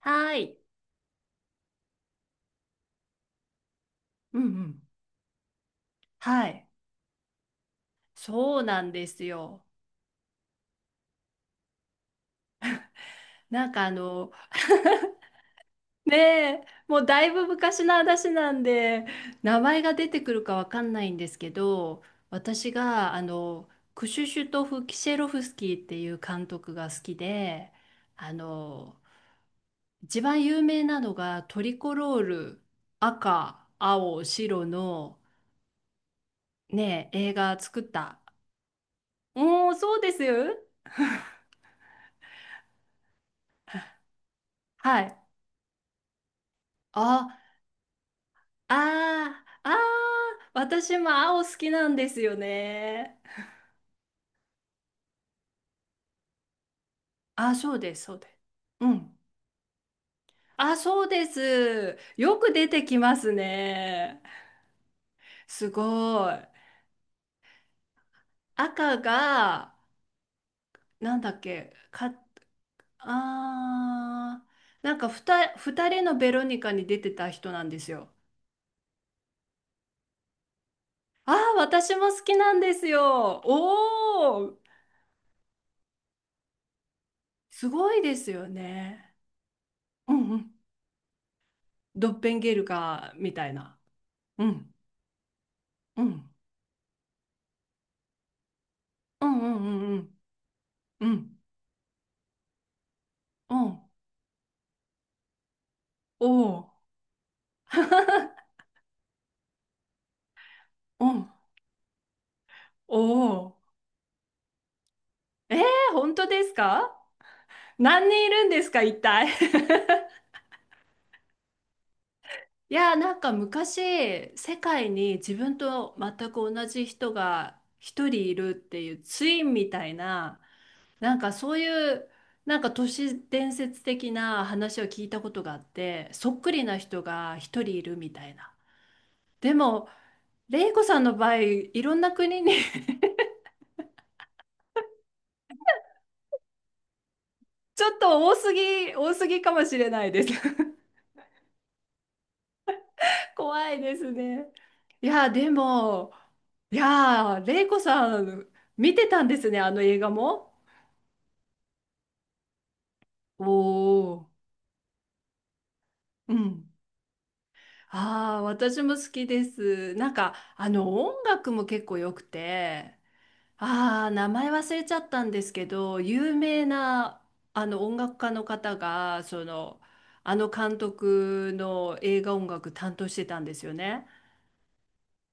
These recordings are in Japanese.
はい。うんうん。はい。そうなんですよ。なんかあの、ねえ、もうだいぶ昔の話なんで、名前が出てくるかわかんないんですけど、私があの、クシュシュトフ・キシェロフスキーっていう監督が好きで、あの、一番有名なのがトリコロール、赤、青、白のねえ、映画作った。おー、そうです。はい。あ、ああ、ああ、私も青好きなんですよね。ああ、そうです、そうです。うん。あ、そうです。よく出てきますね。すごい。赤が、なんだっけ、か、ああ、なんか二人のベロニカに出てた人なんですよ。ああ、私も好きなんですよ。おお、すごいですよね。うんうん。ドッペンゲルガーみたいな。うんうん。うんうんうんうん。うん。うん。おお。うん。おお。えー、本当ですか？何人いるんですか、一体。いやー、なんか昔、世界に自分と全く同じ人が一人いるっていうツインみたいな、なんかそういう、なんか都市伝説的な話を聞いたことがあって、そっくりな人が一人いるみたいな。でも、レイコさんの場合、いろんな国に、ちょっと多すぎ、多すぎかもしれないです。怖いですね。いや、でも、いや、レイコさん、見てたんですね、あの映画も。おお、うん。ああ、私も好きです。なんか、あの、音楽も結構良くて、ああ、名前忘れちゃったんですけど、有名な、あの、音楽家の方が、その、あの監督の映画音楽担当してたんですよね。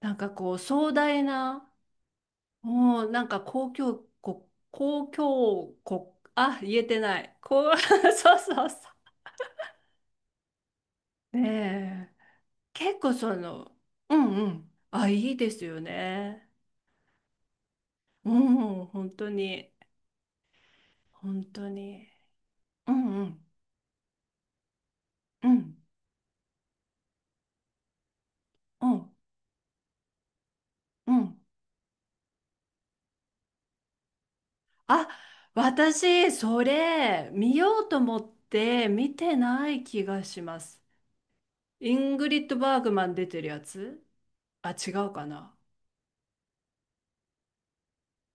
なんかこう壮大な、もうなんか公共国、公共国、あ、言えてない。こう、そうそうそう。ねえ、結構その、うんうん。あ、いいですよね。うん、本当に、本当に。うんうん、うん、うん、うん。あ、私、それ、見ようと思って見てない気がします。イングリッド・バーグマン出てるやつ。あ、違うかな。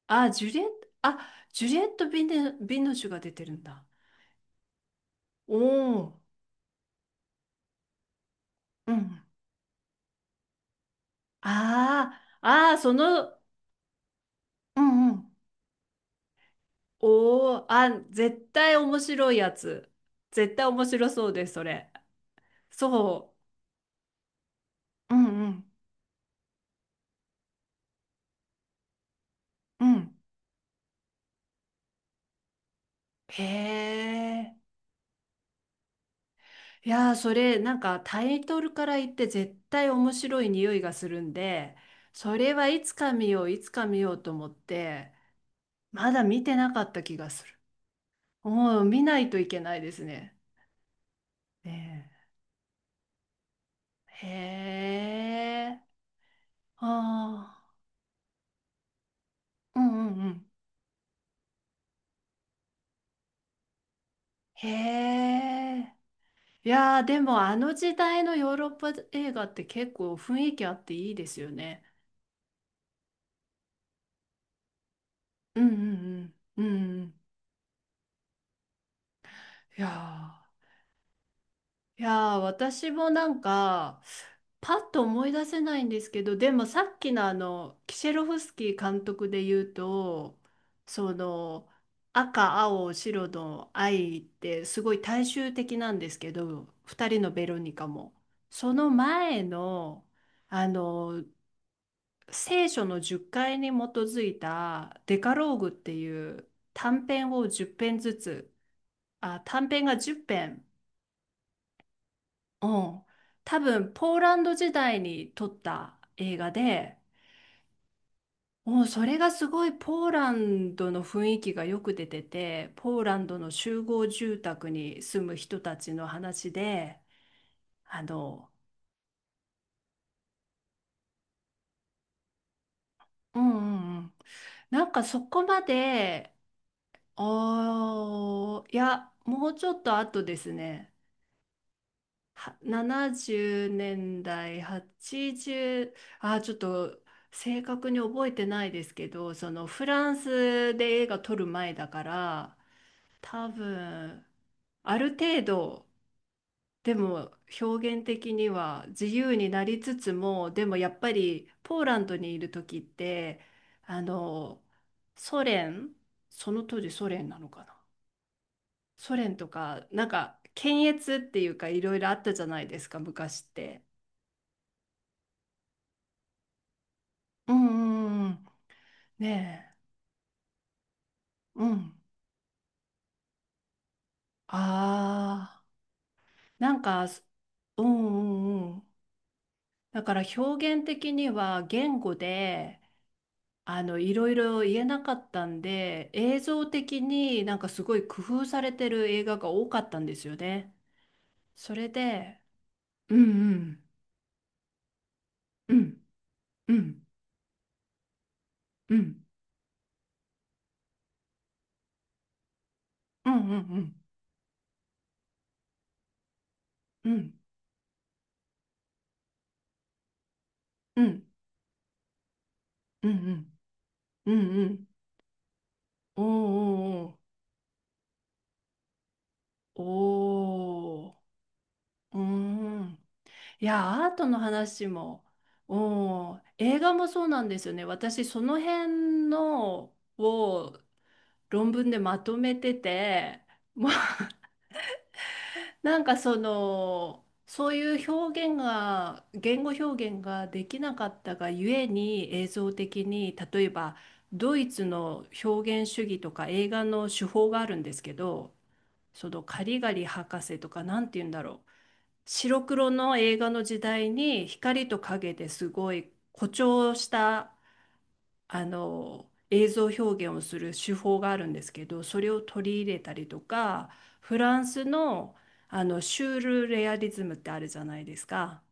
あ、ジュリエット、あ、ジュリエット・ビノシュが出てるんだ。おお、うん。ああ、ああ、その、うんうん。おお、あ、絶対面白いやつ。絶対面白そうです、それ。そう。うんうんうん。へえ。いやー、それ、なんかタイトルから言って絶対面白い匂いがするんで、それはいつか見よう、いつか見ようと思って、まだ見てなかった気がする。うん、見ないといけないですね。ねえ、へえ。ああ。うんうんうん。へえ。いやー、でもあの時代のヨーロッパ映画って結構雰囲気あっていいですよね。うんうんうん。うんうん。いやー。いやー、私もなんか、パッと思い出せないんですけど、でもさっきのあの、キシェロフスキー監督で言うと、その、赤、青、白の愛ってすごい大衆的なんですけど、二人のベロニカも。その前の、あの、聖書の10回に基づいたデカローグっていう短編を10編ずつ、あ、短編が10編。うん、多分ポーランド時代に撮った映画で、もうそれがすごいポーランドの雰囲気がよく出てて、ポーランドの集合住宅に住む人たちの話で、あの、うんうんうん、なんかそこまで、あーいや、もうちょっと後ですね。は70年代、80、あー、ちょっと正確に覚えてないですけど、そのフランスで映画撮る前だから、多分、ある程度、でも表現的には自由になりつつも、でもやっぱりポーランドにいる時って、あの、ソ連、その当時ソ連なのかな。ソ連とか、なんか、検閲っていうかいろいろあったじゃないですか、昔って。うんうんうん。ねえ。うん。ああ。なんか、うんうんうん。だから表現的には言語で、あの、いろいろ言えなかったんで、映像的になんかすごい工夫されてる映画が多かったんですよね。それで、うんうん。うんうんうん。うんうんうん。うんうんうんうんうんうんうん。おーおーおー。おーうーん。いや、アートの話も、うん、映画もそうなんですよね。私、その辺のを論文でまとめてて、もう、 なんかその、そういう表現が、言語表現ができなかったがゆえに映像的に、例えばドイツの表現主義とか映画の手法があるんですけど、そのカリガリ博士とか、なんて言うんだろう。白黒の映画の時代に光と影ですごい誇張したあの映像表現をする手法があるんですけど、それを取り入れたりとか、フランスの、あのシュールレアリズムってあるじゃないですか。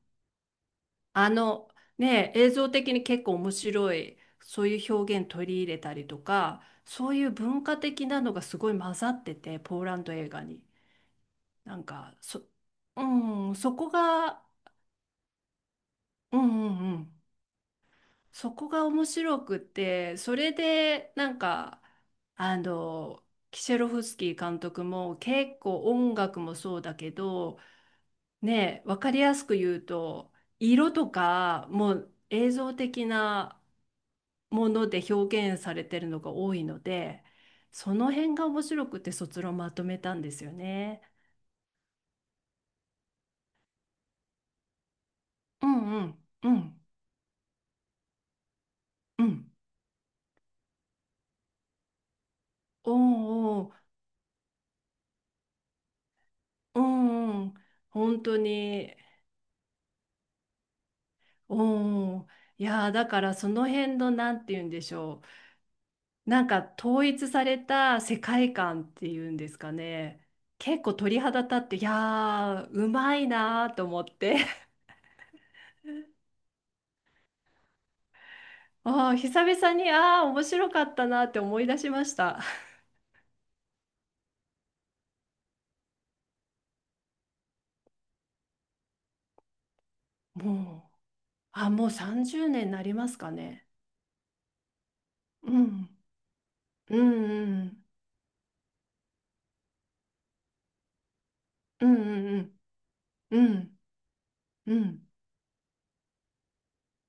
あの、ね、映像的に結構面白いそういう表現取り入れたりとか、そういう文化的なのがすごい混ざっててポーランド映画に。なんかうん、そこが、うんうんうん。そこが面白くって、それでなんか、あの、キシェロフスキー監督も結構音楽もそうだけど、ね、分かりやすく言うと、色とかもう映像的なもので表現されてるのが多いので、その辺が面白くて卒論まとめたんですよね。うんうんうんうん。おーおー、うんうん。本当に。おー、いやー、だからその辺の、なんて言うんでしょう、なんか統一された世界観っていうんですかね。結構鳥肌立って、いやーうまいなーと思って、 あー久々に、あー面白かったなーって思い出しました。 もう、あ、もう30年になりますかね。うんうんうんうんうんうん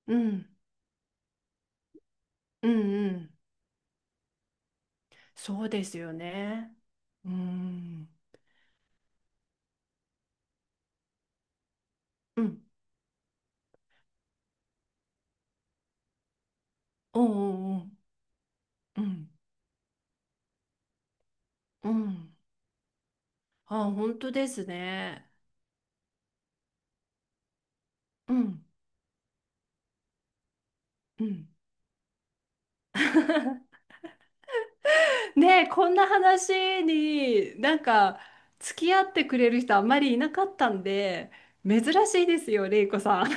うんうんうんうんうん。そうですよね。うんうん。おうおうおう。うん、うん、あ、本当ですね。うん、うん。ねえ、こんな話になんか付き合ってくれる人あんまりいなかったんで、珍しいですよ、れいこさん。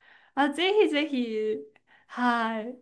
あ、ぜひぜひ。はい。